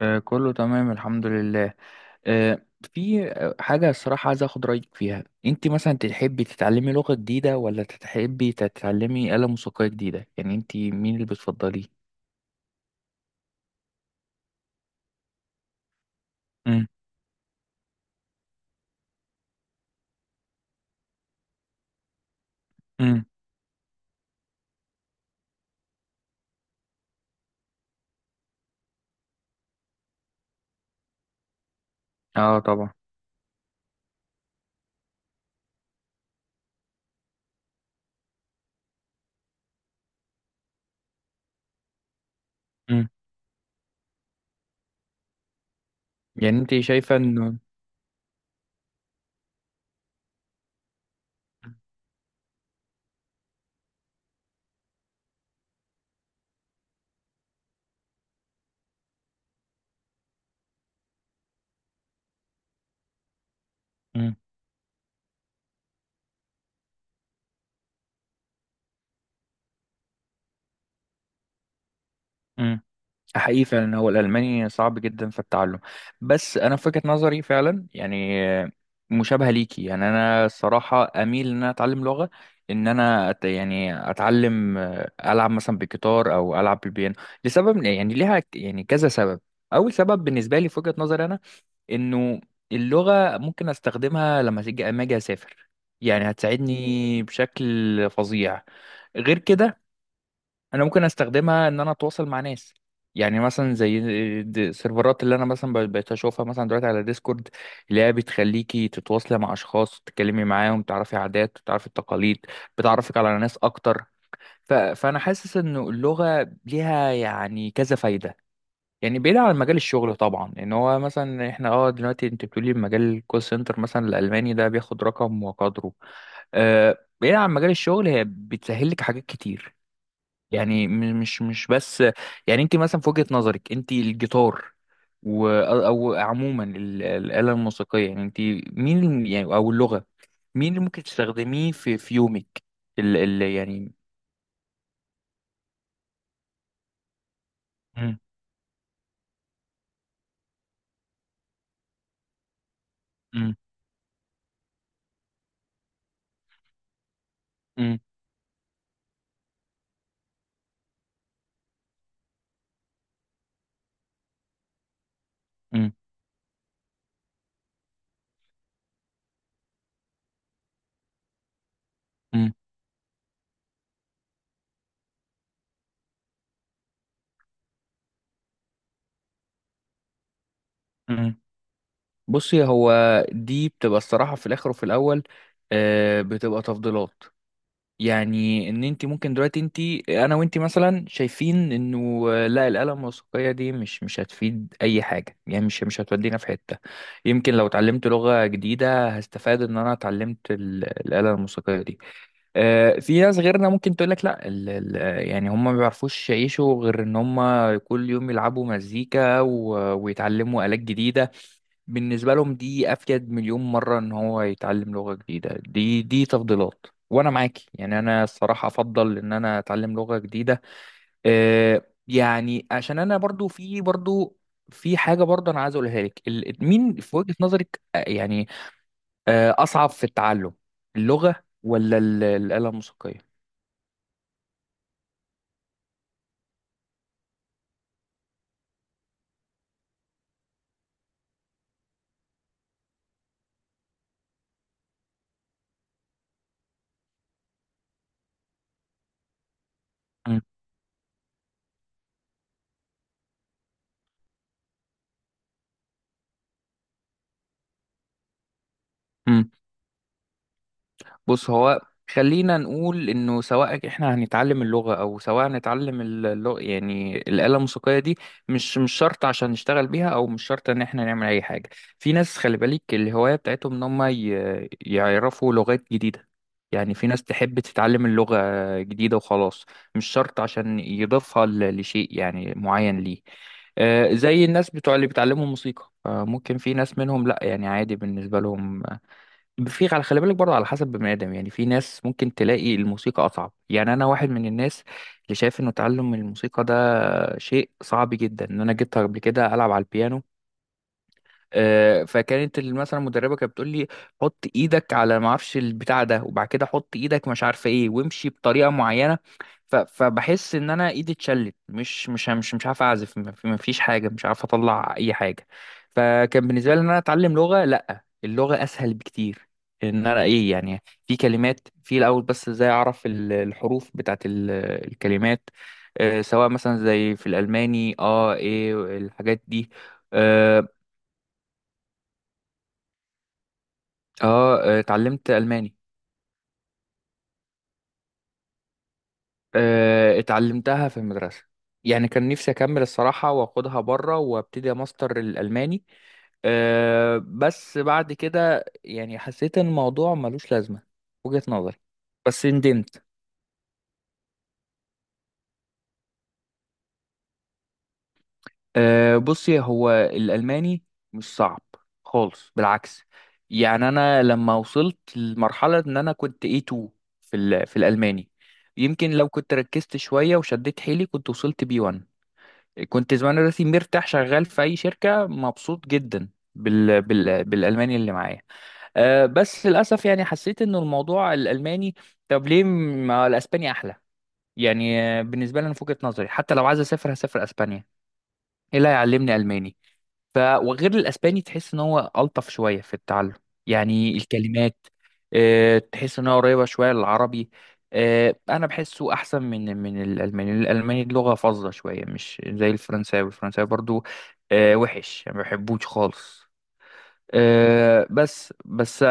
آه، كله تمام الحمد لله. آه، في حاجة، الصراحة عايز أخد رأيك فيها. أنت مثلا تحبي تتعلمي لغة جديدة ولا تحبي تتعلمي آلة موسيقية جديدة؟ يعني أنت مين اللي بتفضليه؟ امم امم اه طبعا. امم يعني أنت شايفة إنه. امم حقيقي فعلا هو الألماني صعب جدا في التعلم، بس أنا في وجهة نظري فعلا يعني مشابهة ليكي. يعني أنا الصراحة أميل إن أنا أتعلم لغة، إن أنا أت يعني أتعلم، ألعب مثلا بالجيتار أو ألعب بالبيانو لسبب، يعني ليها يعني كذا سبب. أول سبب بالنسبة لي في وجهة نظري أنا، إنه اللغة ممكن أستخدمها لما أجي أسافر، يعني هتساعدني بشكل فظيع. غير كده، انا ممكن استخدمها ان انا اتواصل مع ناس، يعني مثلا زي السيرفرات اللي انا مثلا بقيت اشوفها مثلا دلوقتي على ديسكورد، اللي هي بتخليكي تتواصلي مع اشخاص، تتكلمي معاهم، تعرفي عادات، تعرفي تقاليد، بتعرفك على ناس اكتر. فانا حاسس ان اللغة ليها يعني كذا فايدة. يعني بعيد عن مجال الشغل طبعا، ان هو مثلا احنا دلوقتي انت بتقولي مجال الكول سنتر، مثلا الالماني ده بياخد رقم وقدره. بعيد عن مجال الشغل هي بتسهل لك حاجات كتير. يعني مش بس، يعني انت مثلا في وجهة نظرك انت الجيتار او عموما الآلة الموسيقية، يعني انت مين او اللغة، مين اللي ممكن تستخدميه في في يومك؟ ال ال يعني، مم، مم، مم، مم، مم، مم. بصي، هو دي بتبقى الصراحة في الآخر وفي الأول، بتبقى تفضيلات. يعني ان انت ممكن دلوقتي انا وانت مثلا شايفين انه لا، الاله الموسيقيه دي مش هتفيد اي حاجه، يعني مش هتودينا في حته. يمكن لو اتعلمت لغه جديده، هستفاد ان انا اتعلمت الاله الموسيقيه دي. في ناس غيرنا ممكن تقول لك لا، ال ال يعني هم ما بيعرفوش يعيشوا غير ان هم كل يوم يلعبوا مزيكا ويتعلموا آلات جديده. بالنسبة لهم دي أفيد مليون مرة إن هو يتعلم لغة جديدة. دي دي تفضيلات، وأنا معاكي، يعني أنا الصراحة أفضل إن أنا أتعلم لغة جديدة. يعني عشان أنا برضو، في برضو، في حاجة برضو أنا عايز أقولها لك. مين في وجهة نظرك أصعب في التعلم، اللغة ولا الآلة الموسيقية؟ مم. بص، هو خلينا نقول انه سواء احنا هنتعلم اللغه او سواء هنتعلم اللغة، يعني الاله الموسيقيه دي مش شرط عشان نشتغل بيها، او مش شرط ان احنا نعمل اي حاجه. في ناس خلي بالك الهوايه بتاعتهم ان هم يعرفوا لغات جديده. يعني في ناس تحب تتعلم اللغه جديده وخلاص، مش شرط عشان يضيفها لشيء يعني معين ليه. زي الناس بتوع اللي بيتعلموا موسيقى، ممكن في ناس منهم لا، يعني عادي بالنسبه لهم. في على خلي بالك برضه على حسب بني ادم، يعني في ناس ممكن تلاقي الموسيقى اصعب. يعني انا واحد من الناس اللي شايف انه تعلم الموسيقى ده شيء صعب جدا. ان انا جيت قبل كده العب على البيانو، فكانت مثلا المدربه كانت بتقول لي حط ايدك على ما اعرفش البتاع ده، وبعد كده حط ايدك مش عارفه ايه، وامشي بطريقه معينه. فبحس ان انا ايدي اتشلت، مش عارف اعزف، ما فيش حاجه، مش عارف اطلع اي حاجه. فكان بالنسبه لي ان انا اتعلم لغه، لا اللغه اسهل بكتير. ان انا ايه؟ يعني في كلمات في الاول، بس ازاي اعرف الحروف بتاعت الكلمات، سواء مثلا زي في الالماني ايه الحاجات دي. آه، اتعلمت الماني. اتعلمتها في المدرسه. يعني كان نفسي اكمل الصراحه واخدها بره وابتدي ماستر الالماني. بس بعد كده يعني حسيت ان الموضوع ملوش لازمه في وجهه نظري، بس ندمت. بصي هو الالماني مش صعب خالص، بالعكس. يعني انا لما وصلت لمرحله ان انا كنت A2 في في الالماني، يمكن لو كنت ركزت شويه وشديت حيلي كنت وصلت B1، كنت زمان دلوقتي مرتاح شغال في اي شركه، مبسوط جدا بالالماني اللي معايا. بس للاسف يعني حسيت ان الموضوع الالماني، طب ليه ما الاسباني احلى؟ يعني بالنسبه لي انا في وجهه نظري، حتى لو عايز اسافر هسافر اسبانيا، ايه اللي هيعلمني الماني؟ وغير الاسباني تحس ان هو الطف شويه في التعلم، يعني الكلمات، تحس ان هو قريبه شويه للعربي. انا بحسه احسن من الالماني. الالماني اللغه فظه شويه، مش زي الفرنساوي. الفرنساوي برضو وحش، يعني ما بحبوش خالص. بس.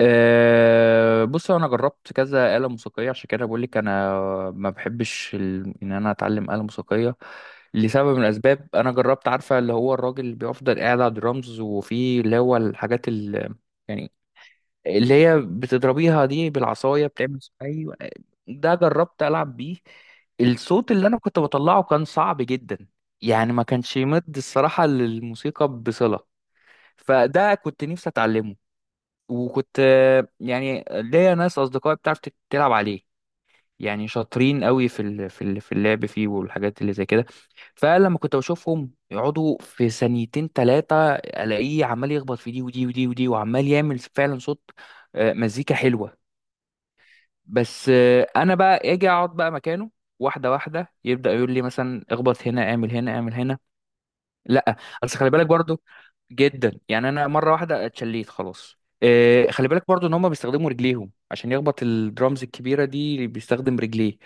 بص انا جربت كذا آلة موسيقية، عشان كده بقول لك انا ما بحبش ان انا اتعلم آلة موسيقية لسبب من الاسباب. انا جربت، عارفة اللي هو الراجل اللي بيفضل قاعد على الدرامز وفي اللي هو الحاجات يعني اللي هي بتضربيها دي بالعصاية، بتعمل ايوه. ده جربت العب بيه، الصوت اللي انا كنت بطلعه كان صعب جدا، يعني ما كانش يمد الصراحة للموسيقى بصلة. فده كنت نفسي اتعلمه، وكنت يعني ليا ناس اصدقائي بتعرف تلعب عليه، يعني شاطرين قوي في في اللعب فيه والحاجات اللي زي كده. فلما كنت بشوفهم يقعدوا في ثانيتين 3, الاقيه عمال يخبط في دي ودي ودي ودي، وعمال يعمل فعلا صوت، مزيكا حلوة. بس انا بقى اجي اقعد بقى مكانه، واحدة واحدة يبدأ يقول لي مثلا اخبط هنا، اعمل هنا، اعمل هنا، لا. بس خلي بالك برضو، جدا يعني انا مره واحده اتشليت خلاص. خلي بالك برضو ان هم بيستخدموا رجليهم عشان يخبط الدرامز الكبيره دي، بيستخدم رجليه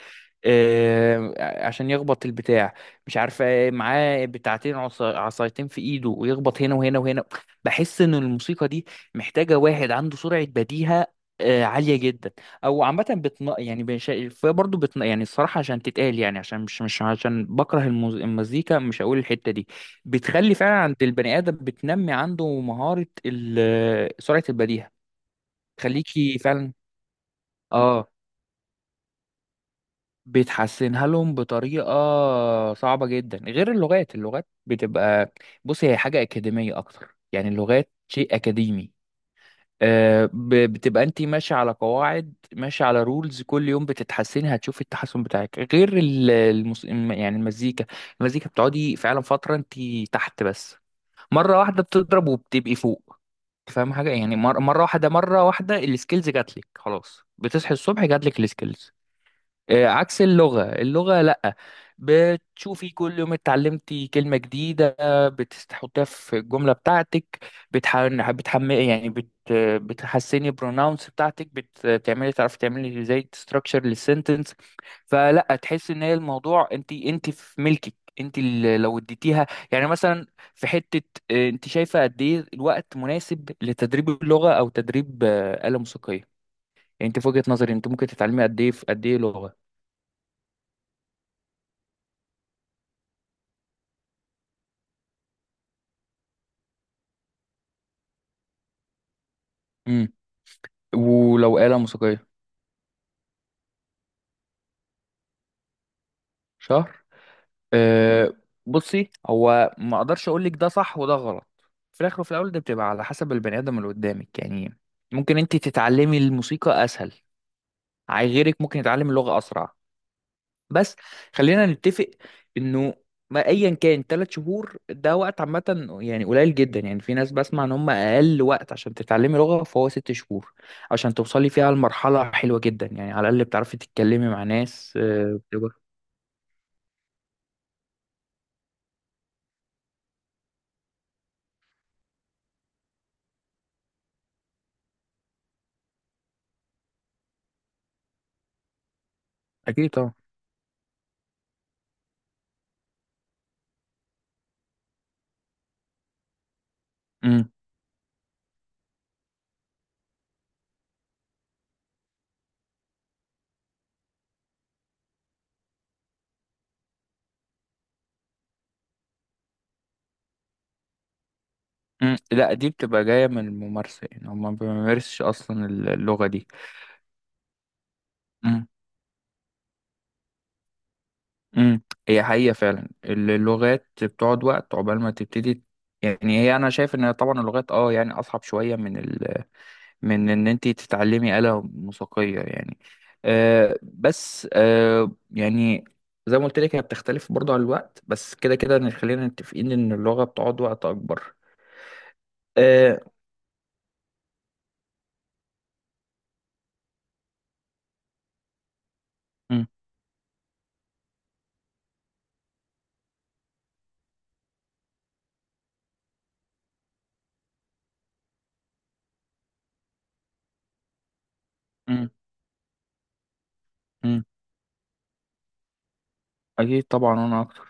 إيه عشان يخبط البتاع، مش عارفه إيه، معاه بتاعتين عصايتين في ايده، ويخبط هنا وهنا وهنا. بحس ان الموسيقى دي محتاجه واحد عنده سرعه بديهه عاليه جدا، او عامه بتن يعني بش... برضه بتن... يعني الصراحه عشان تتقال، يعني عشان مش عشان بكره المزيكا، مش هقول الحته دي، بتخلي فعلا عند البني ادم، بتنمي عنده مهاره سرعه البديهه، تخليكي فعلا، اه بتحسنها لهم بطريقه صعبه جدا. غير اللغات، اللغات بتبقى، بصي هي حاجه اكاديميه اكتر، يعني اللغات شيء اكاديمي، بتبقى انت ماشيه على قواعد، ماشيه على رولز، كل يوم بتتحسني، هتشوفي التحسن بتاعك. غير يعني المزيكا، المزيكا بتقعدي فعلا فتره انت تحت، بس مره واحده بتضرب وبتبقي فوق، فاهم حاجه؟ يعني مره واحده مره واحده السكيلز جات لك خلاص، بتصحي الصبح جات لك السكيلز. عكس اللغة، اللغة لأ، بتشوفي كل يوم اتعلمتي كلمة جديدة، بتحطيها في الجملة بتاعتك، بتحمقي يعني بتحسني البروناونس بتاعتك، بتعملي، تعرفي تعملي زي ستراكشر للسنتنس. فلا، تحس ان هي الموضوع، انت، انت في ملكك، انت اللي لو اديتيها. يعني مثلا في حتة، انت شايفة قد ايه الوقت مناسب لتدريب اللغة او تدريب آلة موسيقية؟ يعني انت في وجهة نظري انت ممكن تتعلمي قد ايه في قد ايه لغة، ولو آلة موسيقية؟ شهر؟ أه بصي، هو ما اقدرش اقول لك ده صح وده غلط. في الاخر وفي الاول ده بتبقى على حسب البني ادم اللي قدامك، يعني ممكن انت تتعلمي الموسيقى اسهل، غيرك ممكن يتعلم اللغة اسرع. بس خلينا نتفق انه، ما ايا كان 3 شهور ده وقت عامة يعني قليل جدا. يعني في ناس بسمع ان هم اقل وقت عشان تتعلمي لغة فهو 6 شهور، عشان توصلي فيها لمرحلة حلوة جدا، يعني على الاقل بتعرفي تتكلمي مع ناس، بتبقى. اكيد. مم. مم. لا، دي بتبقى جاية من الممارسة، يعني هما ما بيمارسش أصلا اللغة دي. مم. مم. هي حقيقة فعلا اللغات بتقعد وقت عقبال ما تبتدي. يعني هي أنا شايف إن طبعا اللغات أه يعني أصعب شوية من من إن أنت تتعلمي آلة موسيقية يعني. بس يعني زي ما قلت لك، هي بتختلف برضه على الوقت، بس كده كده خلينا متفقين إن اللغة بتقعد وقت أكبر. أه. مم. مم. مم. أكيد طبعا أنا